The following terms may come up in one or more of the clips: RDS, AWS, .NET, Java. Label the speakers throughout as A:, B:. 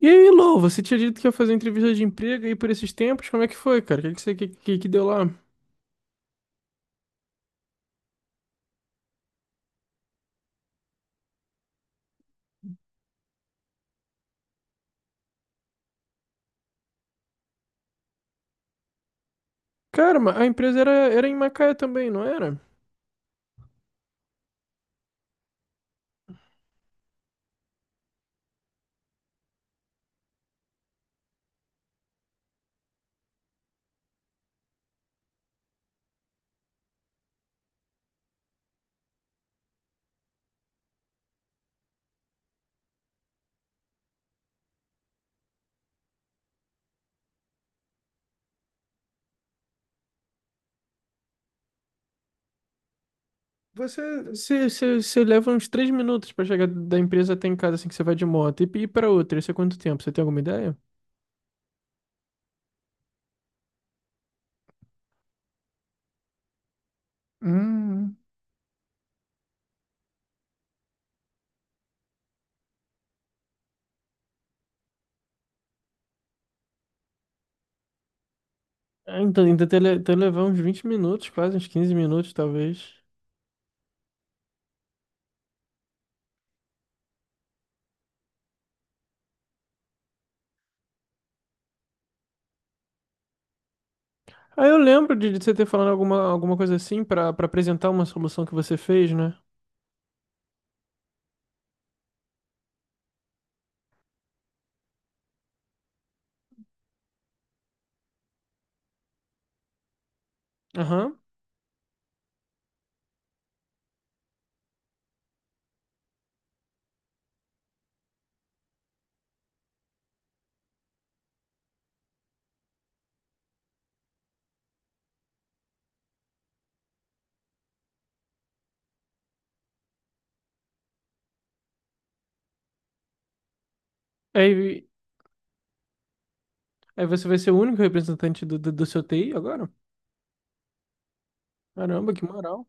A: E aí, Lou, você tinha dito que ia fazer entrevista de emprego aí por esses tempos? Como é que foi, cara? O que que você que deu lá? Cara, a empresa era em Macaé também, não era? Você leva uns 3 minutos pra chegar da empresa até em casa, assim que você vai de moto. E ir pra outra, isso é quanto tempo? Você tem alguma ideia? Hum. Ah, então ainda até, até levar uns 20 minutos, quase uns 15 minutos, talvez. Ah, eu lembro de você ter falado alguma coisa assim pra para apresentar uma solução que você fez, né? Aham. Aí. Aí você vai ser o único representante do seu TI agora? Caramba, que moral.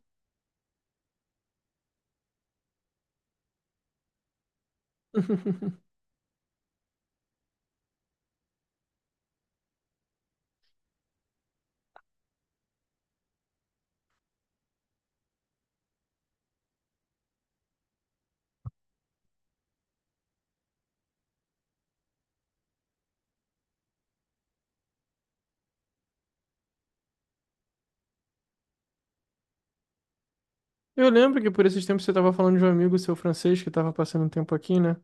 A: Eu lembro que por esses tempos você tava falando de um amigo seu francês que tava passando um tempo aqui, né?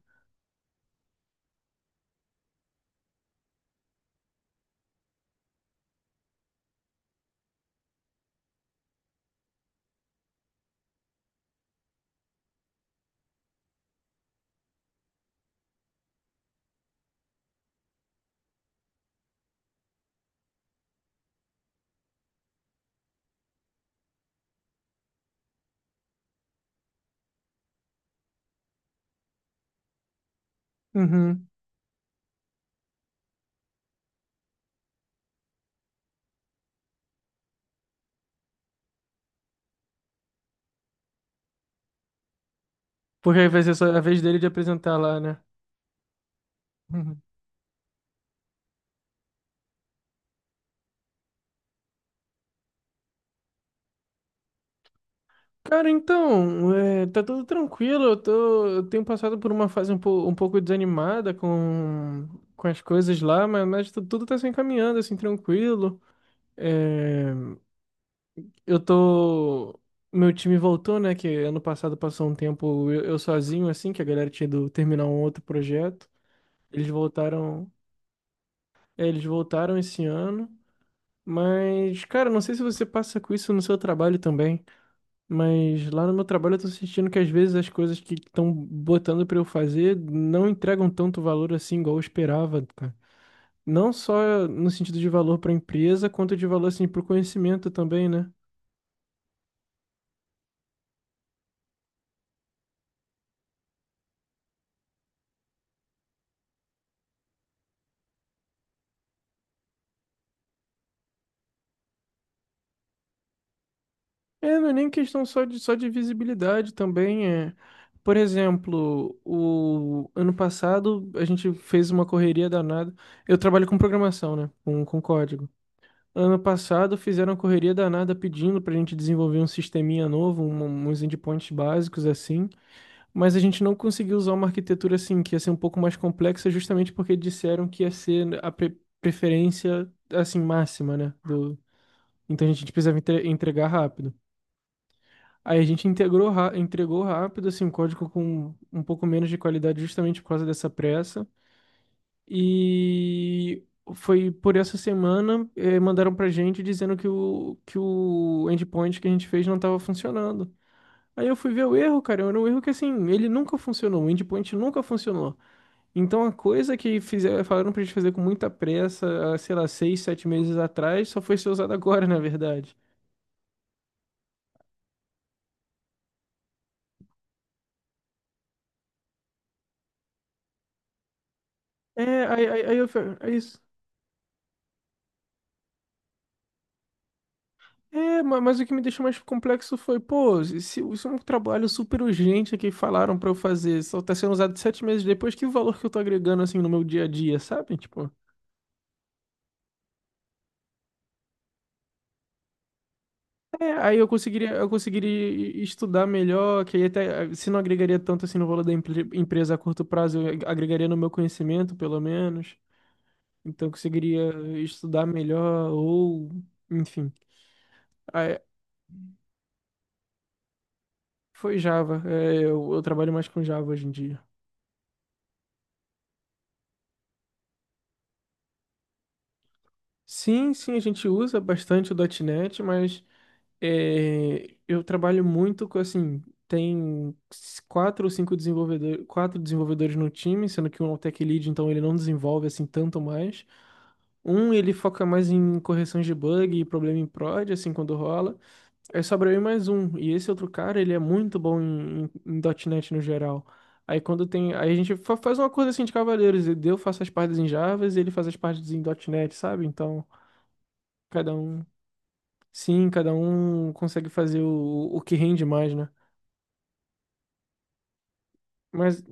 A: Uhum. Porque aí vai ser só a vez dele de apresentar lá, né? Uhum. Cara, então, tá tudo tranquilo. Eu tenho passado por uma fase um pouco desanimada com as coisas lá, mas tudo tá se encaminhando, assim, tranquilo. É, eu tô. Meu time voltou, né? Que ano passado passou um tempo eu sozinho, assim, que a galera tinha ido terminar um outro projeto. Eles voltaram. Eles voltaram esse ano. Mas, cara, não sei se você passa com isso no seu trabalho também. Mas lá no meu trabalho eu tô sentindo que às vezes as coisas que estão botando pra eu fazer não entregam tanto valor assim, igual eu esperava, cara. Não só no sentido de valor pra empresa, quanto de valor, assim, pro conhecimento também, né? É, não é nem questão só de visibilidade também. É. Por exemplo, o ano passado a gente fez uma correria danada. Eu trabalho com programação, né? Com código. Ano passado fizeram uma correria danada pedindo pra gente desenvolver um sisteminha novo, uns endpoints básicos assim. Mas a gente não conseguiu usar uma arquitetura assim, que ia ser um pouco mais complexa, justamente porque disseram que ia ser a preferência assim máxima, né? Do. Então a gente precisava entregar rápido. Aí a gente integrou, entregou rápido, assim, um código com um pouco menos de qualidade justamente por causa dessa pressa. E foi por essa semana, mandaram pra gente dizendo que o endpoint que a gente fez não estava funcionando. Aí eu fui ver o erro, cara, era um erro que, assim, ele nunca funcionou, o endpoint nunca funcionou. Então a coisa que fizeram, falaram pra gente fazer com muita pressa, há, sei lá, 6, 7 meses atrás, só foi ser usada agora, na verdade. Aí eu falei. Mas o que me deixou mais complexo foi, pô, isso é um trabalho super urgente que falaram pra eu fazer, só tá sendo usado 7 meses depois, que o valor que eu tô agregando, assim, no meu dia a dia, sabe? Tipo. Aí eu conseguiria estudar melhor, que aí até, se não agregaria tanto, assim, no valor da empresa a curto prazo, eu agregaria no meu conhecimento, pelo menos, então eu conseguiria estudar melhor, ou, enfim. Aí, foi Java, eu trabalho mais com Java hoje em dia. Sim, sim, a gente usa bastante o .ponto .NET, mas eu trabalho muito com, assim, tem quatro ou cinco desenvolvedores, quatro desenvolvedores no time, sendo que um é o tech lead, então ele não desenvolve, assim, tanto mais. Um, ele foca mais em correções de bug e problema em prod, assim, quando rola. Aí sobra eu e mais um. E esse outro cara, ele é muito bom em .ponto .NET no geral. Aí quando tem. Aí a gente faz uma coisa assim de cavaleiros. Eu faço as partes em Java e ele faz as partes em .ponto .NET, sabe? Então. Cada um. Sim, cada um consegue fazer o que rende mais, né? Mas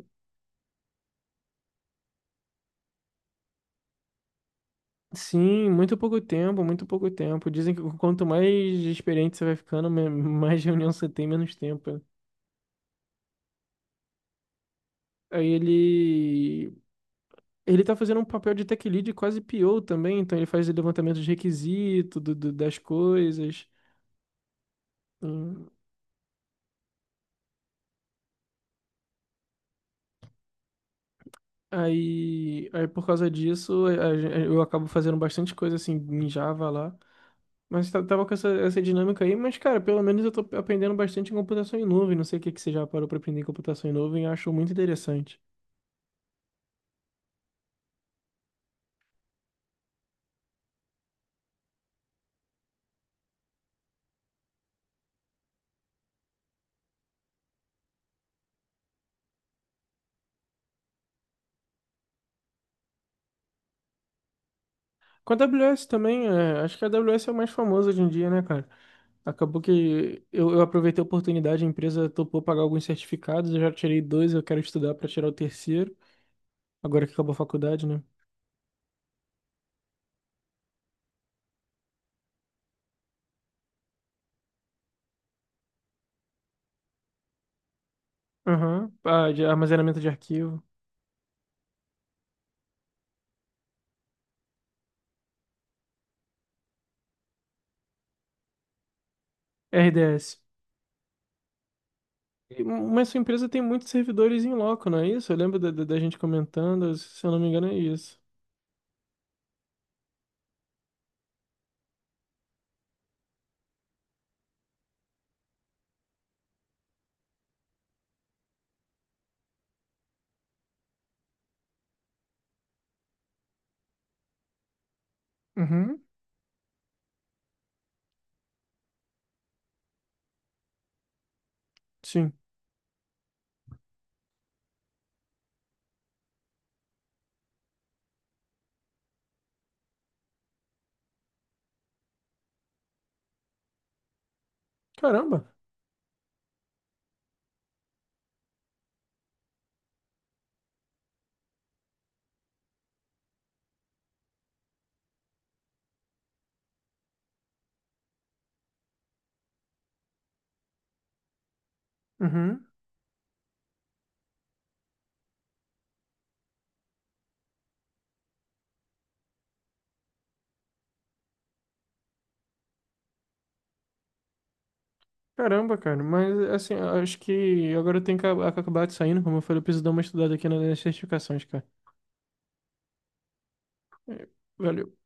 A: sim, muito pouco tempo, muito pouco tempo. Dizem que quanto mais experiente você vai ficando, mais reunião você tem, menos tempo. Aí ele. Ele tá fazendo um papel de tech lead quase PO também, então ele faz o levantamento de requisito, das coisas. Hum. Aí por causa disso, eu acabo fazendo bastante coisa assim em Java lá. Mas tava com essa dinâmica aí, mas, cara, pelo menos eu tô aprendendo bastante em computação em nuvem. Não sei o que que você já parou pra aprender em computação em nuvem, eu acho muito interessante. Com a AWS também, acho que a AWS é o mais famoso hoje em dia, né, cara? Acabou que eu aproveitei a oportunidade, a empresa topou pagar alguns certificados, eu já tirei dois, eu quero estudar pra tirar o terceiro, agora que acabou a faculdade, né? Aham. Ah, de armazenamento de arquivo. RDS. Mas sua empresa tem muitos servidores em loco, não é isso? Eu lembro da gente comentando, se eu não me engano, é isso. Uhum. Sim. Caramba. Uhum. Caramba, cara. Mas, assim, acho que agora eu tenho que acabar de saindo. Como eu falei, eu preciso dar uma estudada aqui nas certificações, cara. É, valeu.